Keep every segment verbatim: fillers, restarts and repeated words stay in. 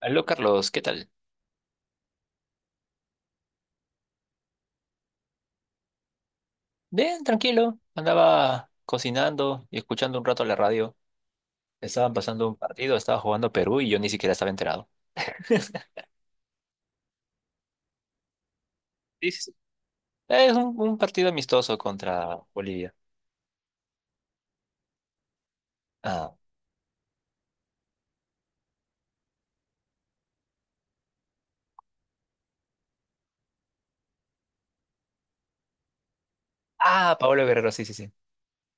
Aló Carlos, ¿qué tal? Bien, tranquilo. Andaba cocinando y escuchando un rato la radio. Estaban pasando un partido, estaba jugando Perú y yo ni siquiera estaba enterado. Sí, sí, sí. Es un, un partido amistoso contra Bolivia. Ah, ah, Paolo Guerrero, sí, sí, sí.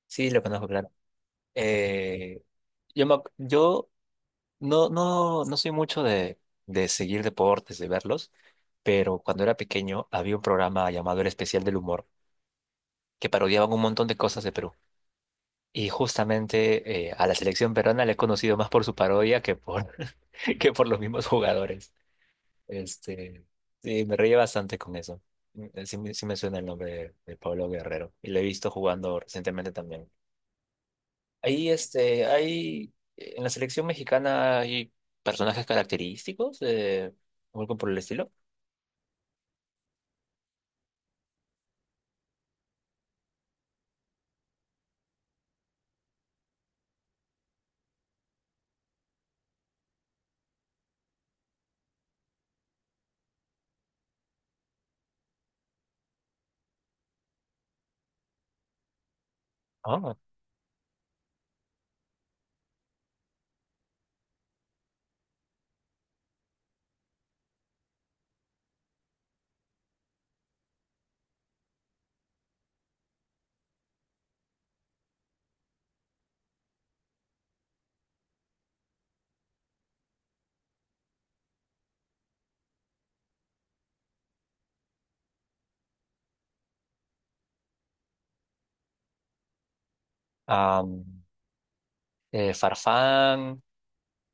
Sí, lo conozco, claro. Eh, yo me ac- yo no, no, no soy mucho de, de seguir deportes, de verlos, pero cuando era pequeño había un programa llamado El Especial del Humor que parodiaban un montón de cosas de Perú. Y justamente eh, a la selección peruana le he conocido más por su parodia que por, que por los mismos jugadores. Este, sí, me reí bastante con eso. Mm, sí, me sí me suena el nombre de, de Pablo Guerrero y lo he visto jugando recientemente también. Ahí, este, hay, en la selección mexicana hay personajes característicos, eh, o algo por el estilo. Ah, am, eh, Farfán,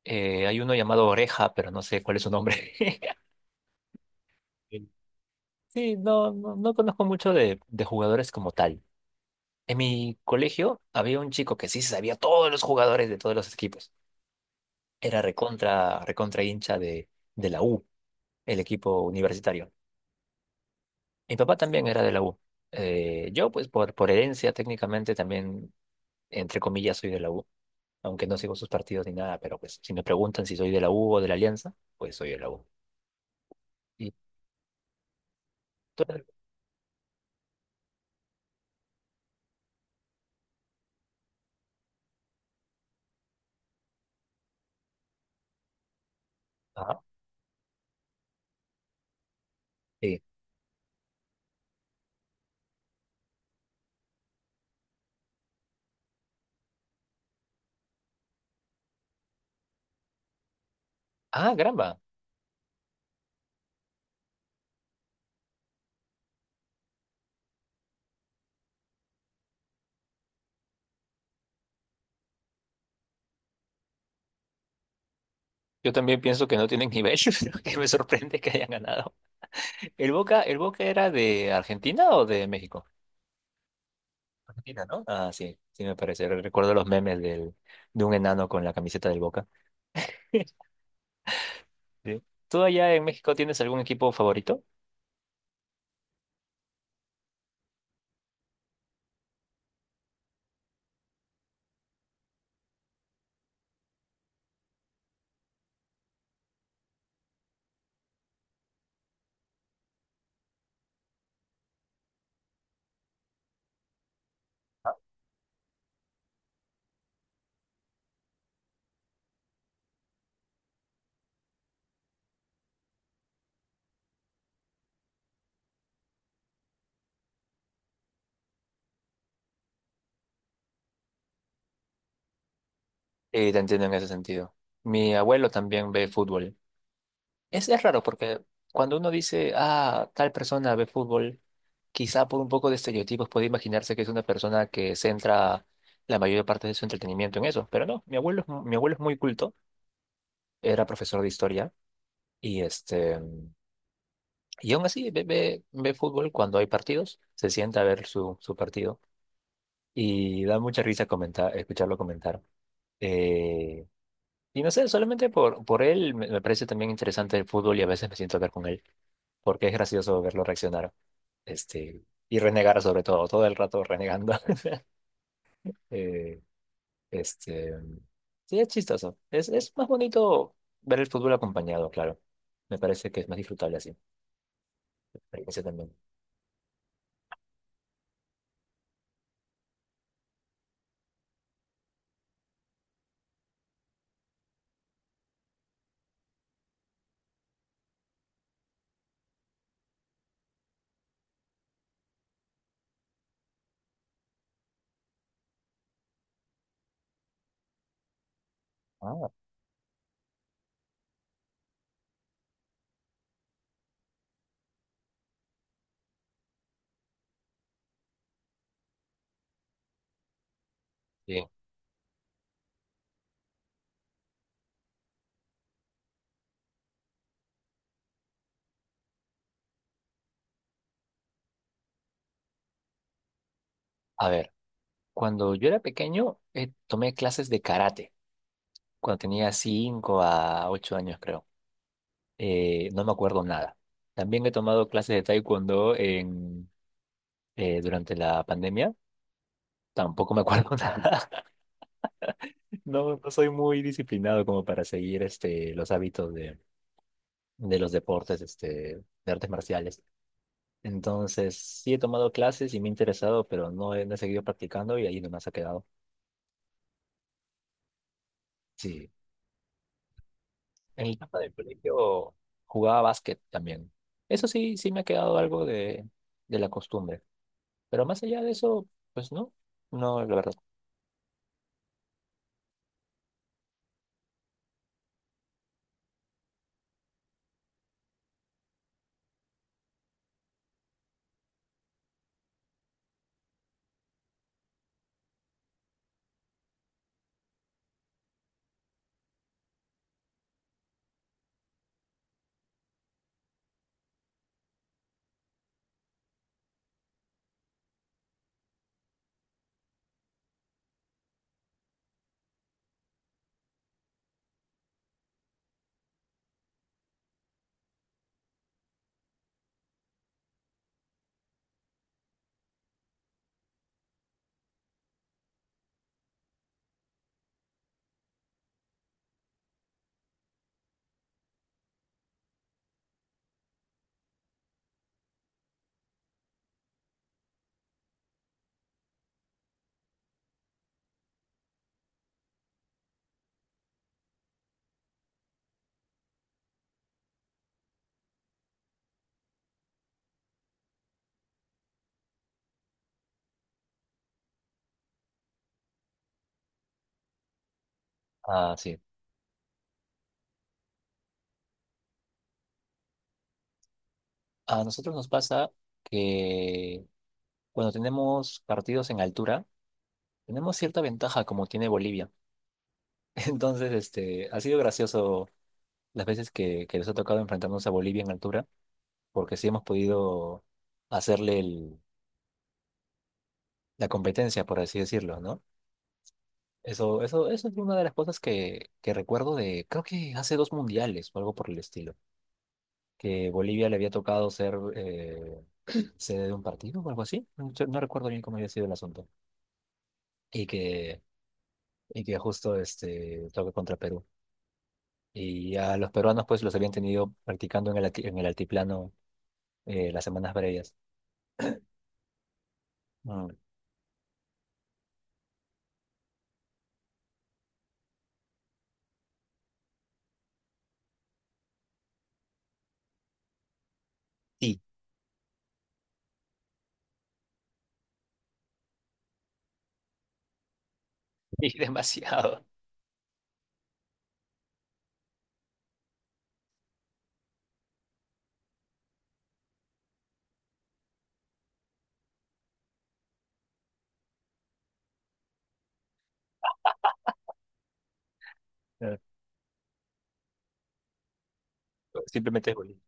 eh, hay uno llamado Oreja, pero no sé cuál es su nombre. Sí, no, no, no conozco mucho de, de jugadores como tal. En mi colegio había un chico que sí se sabía todos los jugadores de todos los equipos. Era recontra, recontra hincha de, de la U, el equipo universitario. Mi papá también era de la U. Eh, yo, pues, por, por herencia, técnicamente también, entre comillas, soy de la U. Aunque no sigo sus partidos ni nada, pero pues, si me preguntan si soy de la U o de la Alianza, pues soy de la U. Y tú eres- Ajá, sí. Ah, caramba. Yo también pienso que no tienen nivel, pero que me sorprende que hayan ganado. ¿El Boca, el Boca era de Argentina o de México? Argentina, ¿no? Ah, sí, sí me parece. Recuerdo los memes del, de un enano con la camiseta del Boca. Sí. ¿Tú allá en México tienes algún equipo favorito? Eh, te entiendo en ese sentido. Mi abuelo también ve fútbol. Es, es raro porque cuando uno dice, ah, tal persona ve fútbol, quizá por un poco de estereotipos puede imaginarse que es una persona que centra la mayor parte de su entretenimiento en eso, pero no, mi abuelo, es mu- mi abuelo es muy culto, era profesor de historia y este y aún así ve, ve, ve fútbol cuando hay partidos, se sienta a ver su, su partido y da mucha risa comentar, escucharlo comentar. Eh, y no sé, solamente por, por él me, me parece también interesante el fútbol y a veces me siento a ver con él, porque es gracioso verlo reaccionar este, y renegar sobre todo, todo el rato renegando. Eh, este, sí, es chistoso. Es, es más bonito ver el fútbol acompañado, claro. Me parece que es más disfrutable así. Me parece también. Ah, sí. A ver. Cuando yo era pequeño, eh, tomé clases de karate, cuando tenía cinco a ocho años, creo. Eh, no me acuerdo nada. También he tomado clases de taekwondo en, eh, durante la pandemia. Tampoco me acuerdo nada. No, no soy muy disciplinado como para seguir este, los hábitos de, de los deportes, este, de artes marciales. Entonces, sí he tomado clases y me he interesado, pero no he, no he seguido practicando y ahí nomás ha quedado. Sí. En la etapa del colegio jugaba básquet también. Eso sí, sí me ha quedado algo de, de la costumbre. Pero más allá de eso, pues no, no, la verdad. Ah, sí. A nosotros nos pasa que cuando tenemos partidos en altura, tenemos cierta ventaja como tiene Bolivia. Entonces, este, ha sido gracioso las veces que, que les ha tocado enfrentarnos a Bolivia en altura, porque sí hemos podido hacerle el- la competencia, por así decirlo, ¿no? Eso, eso, eso es una de las cosas que, que recuerdo de, creo que hace dos mundiales o algo por el estilo, que Bolivia le había tocado ser eh, sede de un partido o algo así. No, sé- no recuerdo bien cómo había sido el asunto. Y que, y que justo este, toca contra Perú. Y a los peruanos pues los habían tenido practicando en el, alti- en el altiplano eh, las semanas previas. Mm. Y, y demasiado. Eh, Simplemente es Bolivia.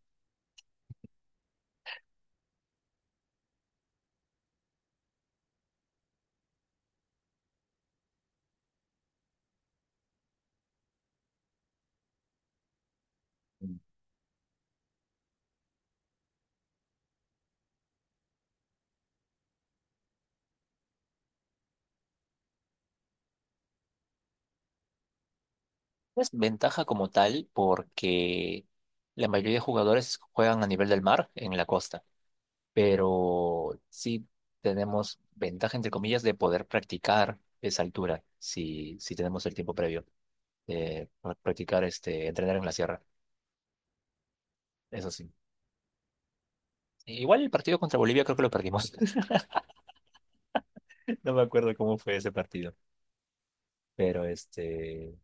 Es ventaja como tal porque la mayoría de jugadores juegan a nivel del mar en la costa, pero sí tenemos ventaja, entre comillas, de poder practicar esa altura si, si tenemos el tiempo previo de practicar, este, entrenar en la sierra. Eso sí. Igual el partido contra Bolivia creo que lo perdimos. No me acuerdo cómo fue ese partido, pero este,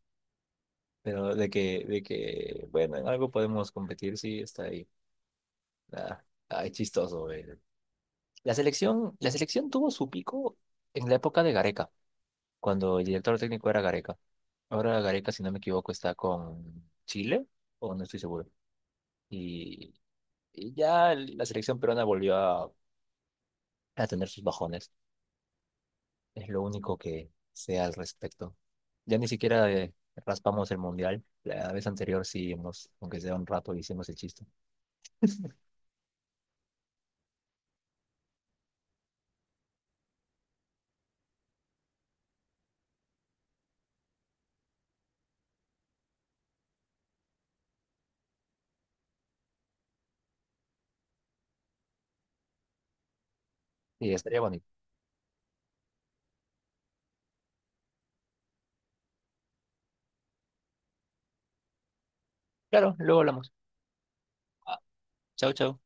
pero de que, de que, bueno, en algo podemos competir, sí, está ahí. Ah, ay, chistoso, güey. La selección, la selección tuvo su pico en la época de Gareca, cuando el director técnico era Gareca. Ahora Gareca, si no me equivoco, está con Chile, o no estoy seguro. Y, y ya la selección peruana volvió a, a tener sus bajones. Es lo único que sé al respecto. Ya ni siquiera eh, raspamos el mundial. La vez anterior sí hemos, aunque sea un rato, hicimos el chiste. Y estaría bonito. Claro, luego hablamos. Ah, chau, chau.